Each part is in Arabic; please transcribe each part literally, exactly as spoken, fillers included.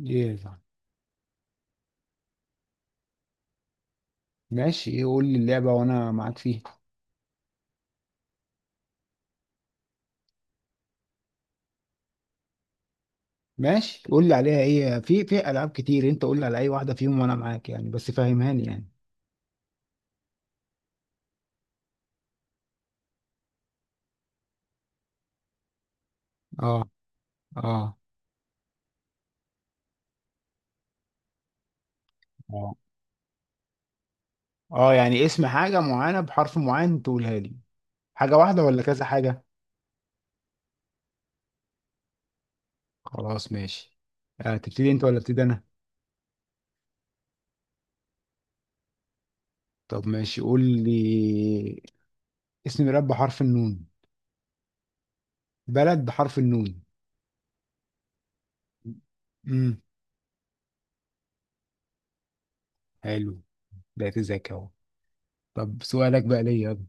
يلا، ماشي، ايه؟ قول لي اللعبة وانا معاك فيها. ماشي قول لي عليها. ايه، في في العاب كتير، انت قول لي على اي واحدة فيهم وانا معاك يعني، بس فهمهاني يعني. اه، اه، اه، اه، يعني اسم حاجة معينة بحرف معين تقولها لي. حاجة واحدة ولا كذا حاجة؟ خلاص، ماشي. آه تبتدي انت ولا ابتدي انا؟ طب ماشي قول لي اسم بلد بحرف النون. بلد بحرف النون. امم حلو. بقيت ذكي اهو. طب سؤالك بقى ليا، يلا.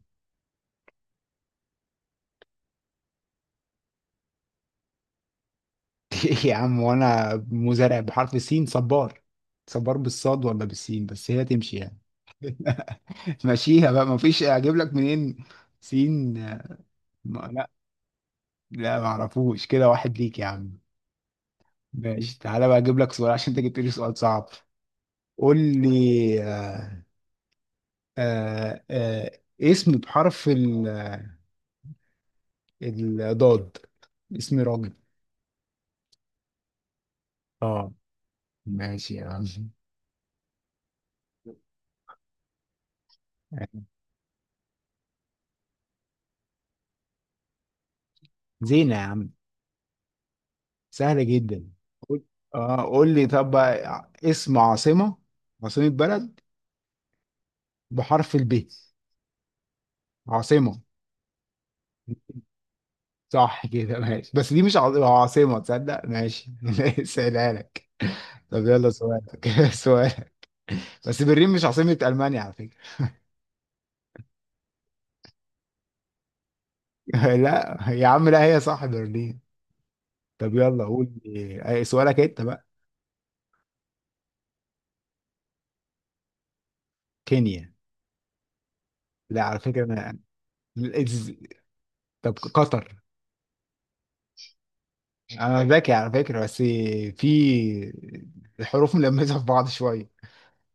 يا عم، وانا مزارع بحرف السين، صبار. صبار بالصاد ولا بالسين؟ بس هي تمشي يعني. ماشيها بقى، مفيش اجيب لك منين. سين. ما لا. لا، معرفوش. كده واحد ليك يا عم. ماشي، تعالى بقى اجيب لك سؤال، عشان انت جبت لي سؤال صعب. قول لي، آه آه آه، اسم بحرف ال- الضاد. اسم راجل. اه، ماشي يا عم. زينة يا عم، سهلة جدا. قول- اه قول لي طب بقى، اسم عاصمة عاصمة بلد بحرف الب. عاصمة. صح كده ماشي، بس دي مش عاصمة عاصمة، تصدق؟ ماشي سهلها لك. طب يلا سؤالك. سؤالك. بس برلين مش عاصمة ألمانيا على فكرة. لا يا عم، لا هي صح برلين. طب يلا، قول لي- أي سؤالك انت بقى؟ كينيا. لا على فكرة انا إز- طب قطر. انا ذكي على فكرة، بس في الحروف ملمسة في بعض شوية.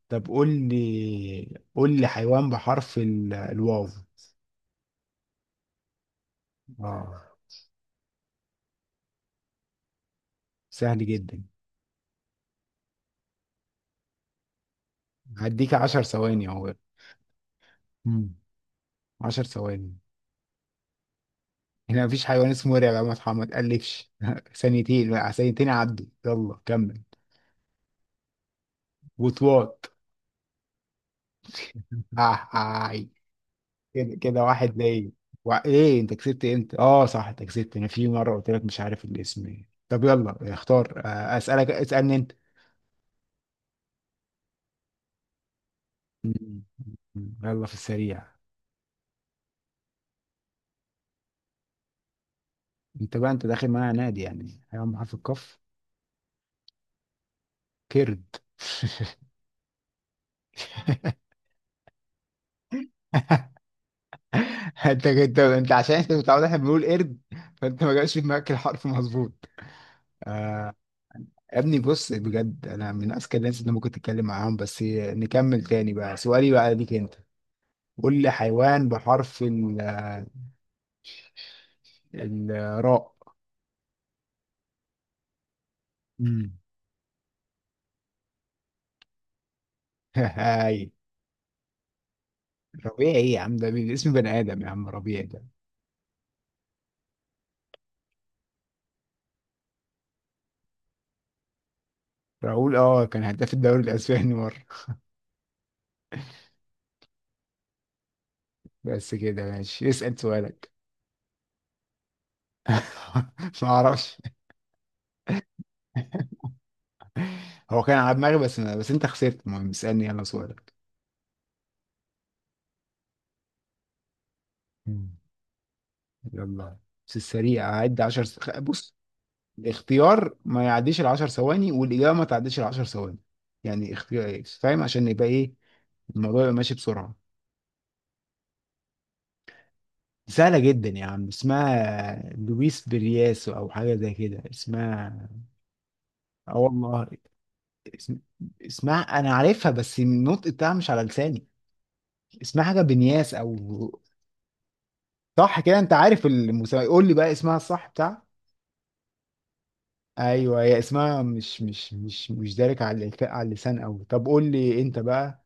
طب قول لي قول لي حيوان بحرف ال- الواو. اه، سهل جدا. هديك عشر ثواني اهو. مم. عشر ثواني. هنا مفيش حيوان اسمه ورع يا محمد، ما تقلفش. ثانيتين لا، ثانيتين عدوا، يلا كمل. وطواط. كده كده واحد ليا. وع- ايه، انت كسبت امتى؟ اه صح، انت كسبت. انا في مره قلت لك مش عارف الاسم ايه. طب يلا اختار، آه، اسالك اسالني انت. مم. يلا في السريع. انت بقى، انت داخل معايا نادي يعني؟ حيوان بحرف القاف، كرد. انت انت انت عشان انت متعود احنا بنقول قرد، فانت ما جاش في دماغك الحرف مظبوط. يا ابني بص، بجد انا من اذكى الناس اللي ممكن تتكلم معاهم، بس نكمل تاني بقى. سؤالي بقى ليك انت. قول لي حيوان بحرف الراء. امم هاي. ربيع ايه يا عم، ده بي- اسم بني ادم يا عم، ربيع ده. راؤول، اه كان هداف الدوري الاسباني مره. بس كده ماشي، اسال سؤالك. ما اعرفش. هو كان على دماغي، بس بس انت خسرت. المهم اسالني، يلا سؤالك. مم. يلا بس السريع، هعد عشر س... خ- بص. الاختيار ما يعديش ال عشر ثواني، والاجابه ما تعديش ال عشر ثواني. يعني اختيار، فاهم؟ عشان يبقى ايه الموضوع. يبقى ماشي بسرعه. سهلة جدا يا عم، اسمها لويس برياسو أو حاجة زي كده اسمها. اه والله. اسم... اسمها أنا عارفها، بس النطق بتاعها مش على لساني. اسمها حاجة بنياس، أو... صح كده، أنت عارف المسمى. قول لي بقى اسمها الصح بتاع. أيوه هي اسمها مش مش مش مش دارك على الف- على اللسان أوي. طب قول لي أنت بقى.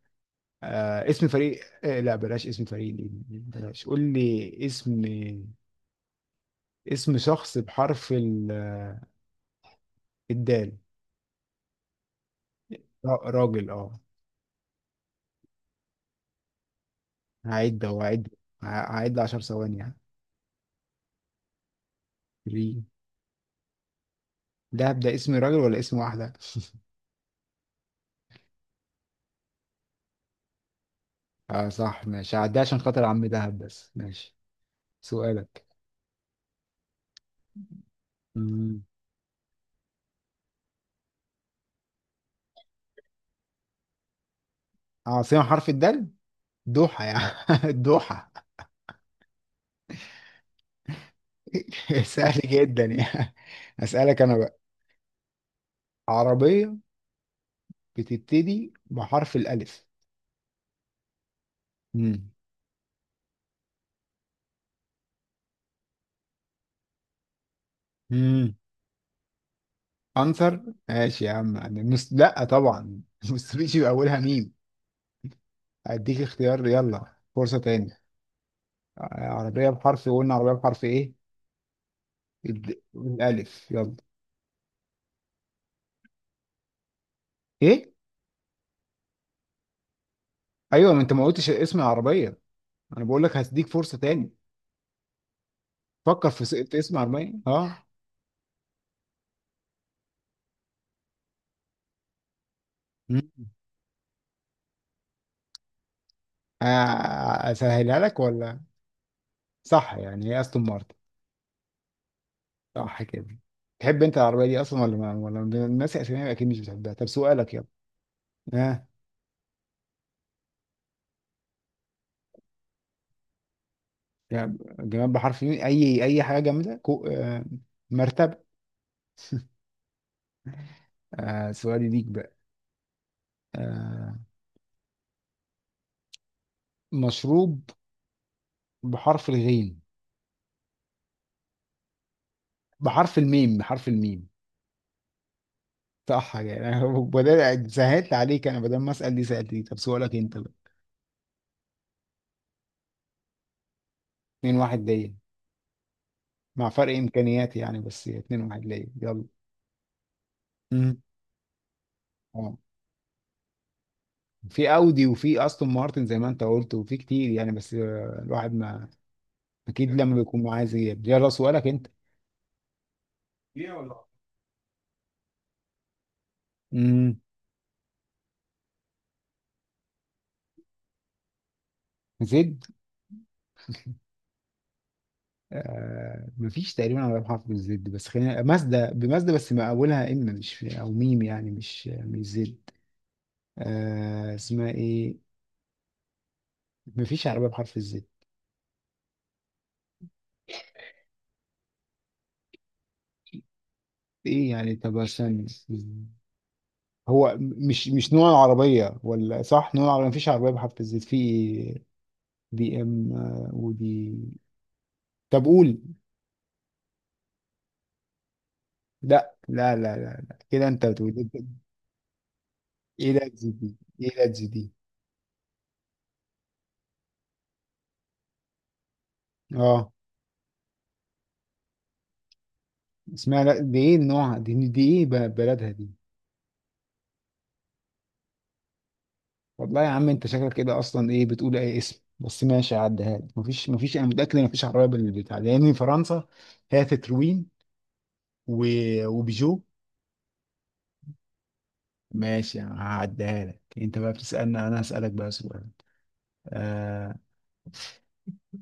آه اسم فريق، آه لا بلاش اسم فريق دي، بلاش. قول لي اسم اسم شخص بحرف ال- الدال. را- راجل، اه. هعد اهو، هعد ه- هعد عشر ثواني يعني. ثلاثة. دهب، ده اسم راجل ولا اسم واحدة؟ اه صح، ماشي، هعديها عشان خاطر عم دهب. بس ماشي سؤالك. مم. عاصمة حرف الدال؟ دوحة يعني. دوحة. سهل جدا يعني. أسألك أنا بقى. عربية بتبتدي بحرف الألف. مم. مم. أنصر. ماشي يا عم، أنا مس... لا طبعا مستبيشي بأولها ميم. أديك اختيار يلا، فرصة تاني. عربية بحرف، قلنا عربية بحرف ايه؟ الد- الألف يلا. ايه؟ ايوه، ما انت ما قلتش اسم العربية. انا بقول لك هديك فرصة تاني. فكر في, س- في اسم عربية، اه. مم. آه، اسهلها لك ولا؟ صح يعني، هي استون مارتن. صح كده. تحب انت العربية دي اصلا ولا ما، ولا من الناس اسامي اكيد مش بتحبها. طب سؤالك يلا. ها، آه. جم- جماد بحرف مين، اي اي حاجة جامدة، كو... آه. مرتبة. آه. سؤالي ليك بقى. آه. مشروب بحرف الغين. بحرف الميم، بحرف الميم. صح يعني، أنا بدل سهلت عليك، انا بدل ما اسال دي سالت دي. طب سؤالك انت بقى. اتنين واحد ليا، مع فرق امكانيات يعني. بس اتنين واحد ليا يلا. مم. اه، في اودي وفي استون مارتن زي ما انت قلت، وفي كتير يعني، بس آه، الواحد ما... اكيد لما بيكون معاه زياد. يلا سؤالك انت. امم زد. آه مفيش تقريبا على حرف بالزد، بس خلينا مازدا، بمازدا، بس ما اولها ام، مش او ميم يعني، مش مش زد. آه اسمها ايه؟ مفيش عربية بحرف الزد. ايه يعني؟ طب عشان هو م- مش مش نوع العربية ولا صح نوع العربية، مفيش عربية بحرف الزد في بي ام، آه، ودي. طب قول. لا، لا، لا، لا، لا. كده انت بتقول ايه لا تزيد دي، ايه لا تزيد دي؟ اه، اسمها لا دي ايه، نوعها دي دي ايه، ب- بلدها دي؟ والله يا عم، انت شكلك كده اصلا ايه بتقول اي اسم. بس ماشي هعديها لك. مفيش مفيش انا متأكد ان مفيش عربية بالبتاع ده، لان فرنسا هي تتروين و- وبيجو. ماشي هعديها لك. انت بقى بتسألني، انا هسألك بقى سؤال. آه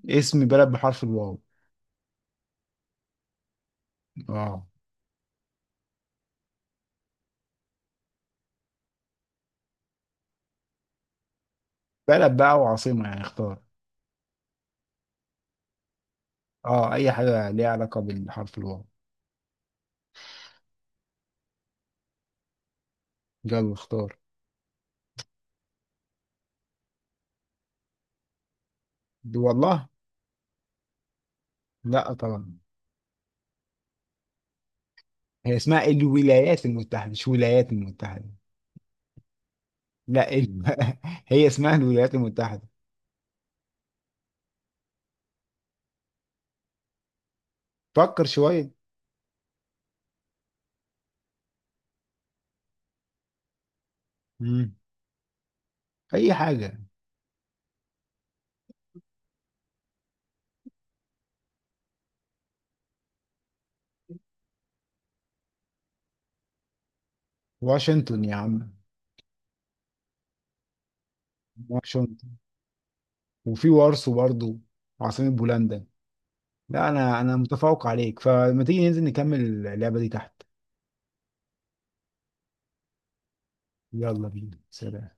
اسم بلد بحرف الواو. اه، بلد بقى وعاصمة يعني، اختار. اه، اي حاجة ليها علاقة بالحرف الواو. يلا اختار. دي والله، لا طبعا. هي اسمها الولايات المتحدة، مش ولايات المتحدة. لا ال... هي اسمها الولايات المتحدة. فكر شوية. مم. اي حاجة. واشنطن يا عم. واشنطن، وفي وارسو برضو، عاصمة بولندا. لا، انا انا متفوق عليك، فلما تيجي ننزل نكمل اللعبة دي تحت. يلا بينا، سلام.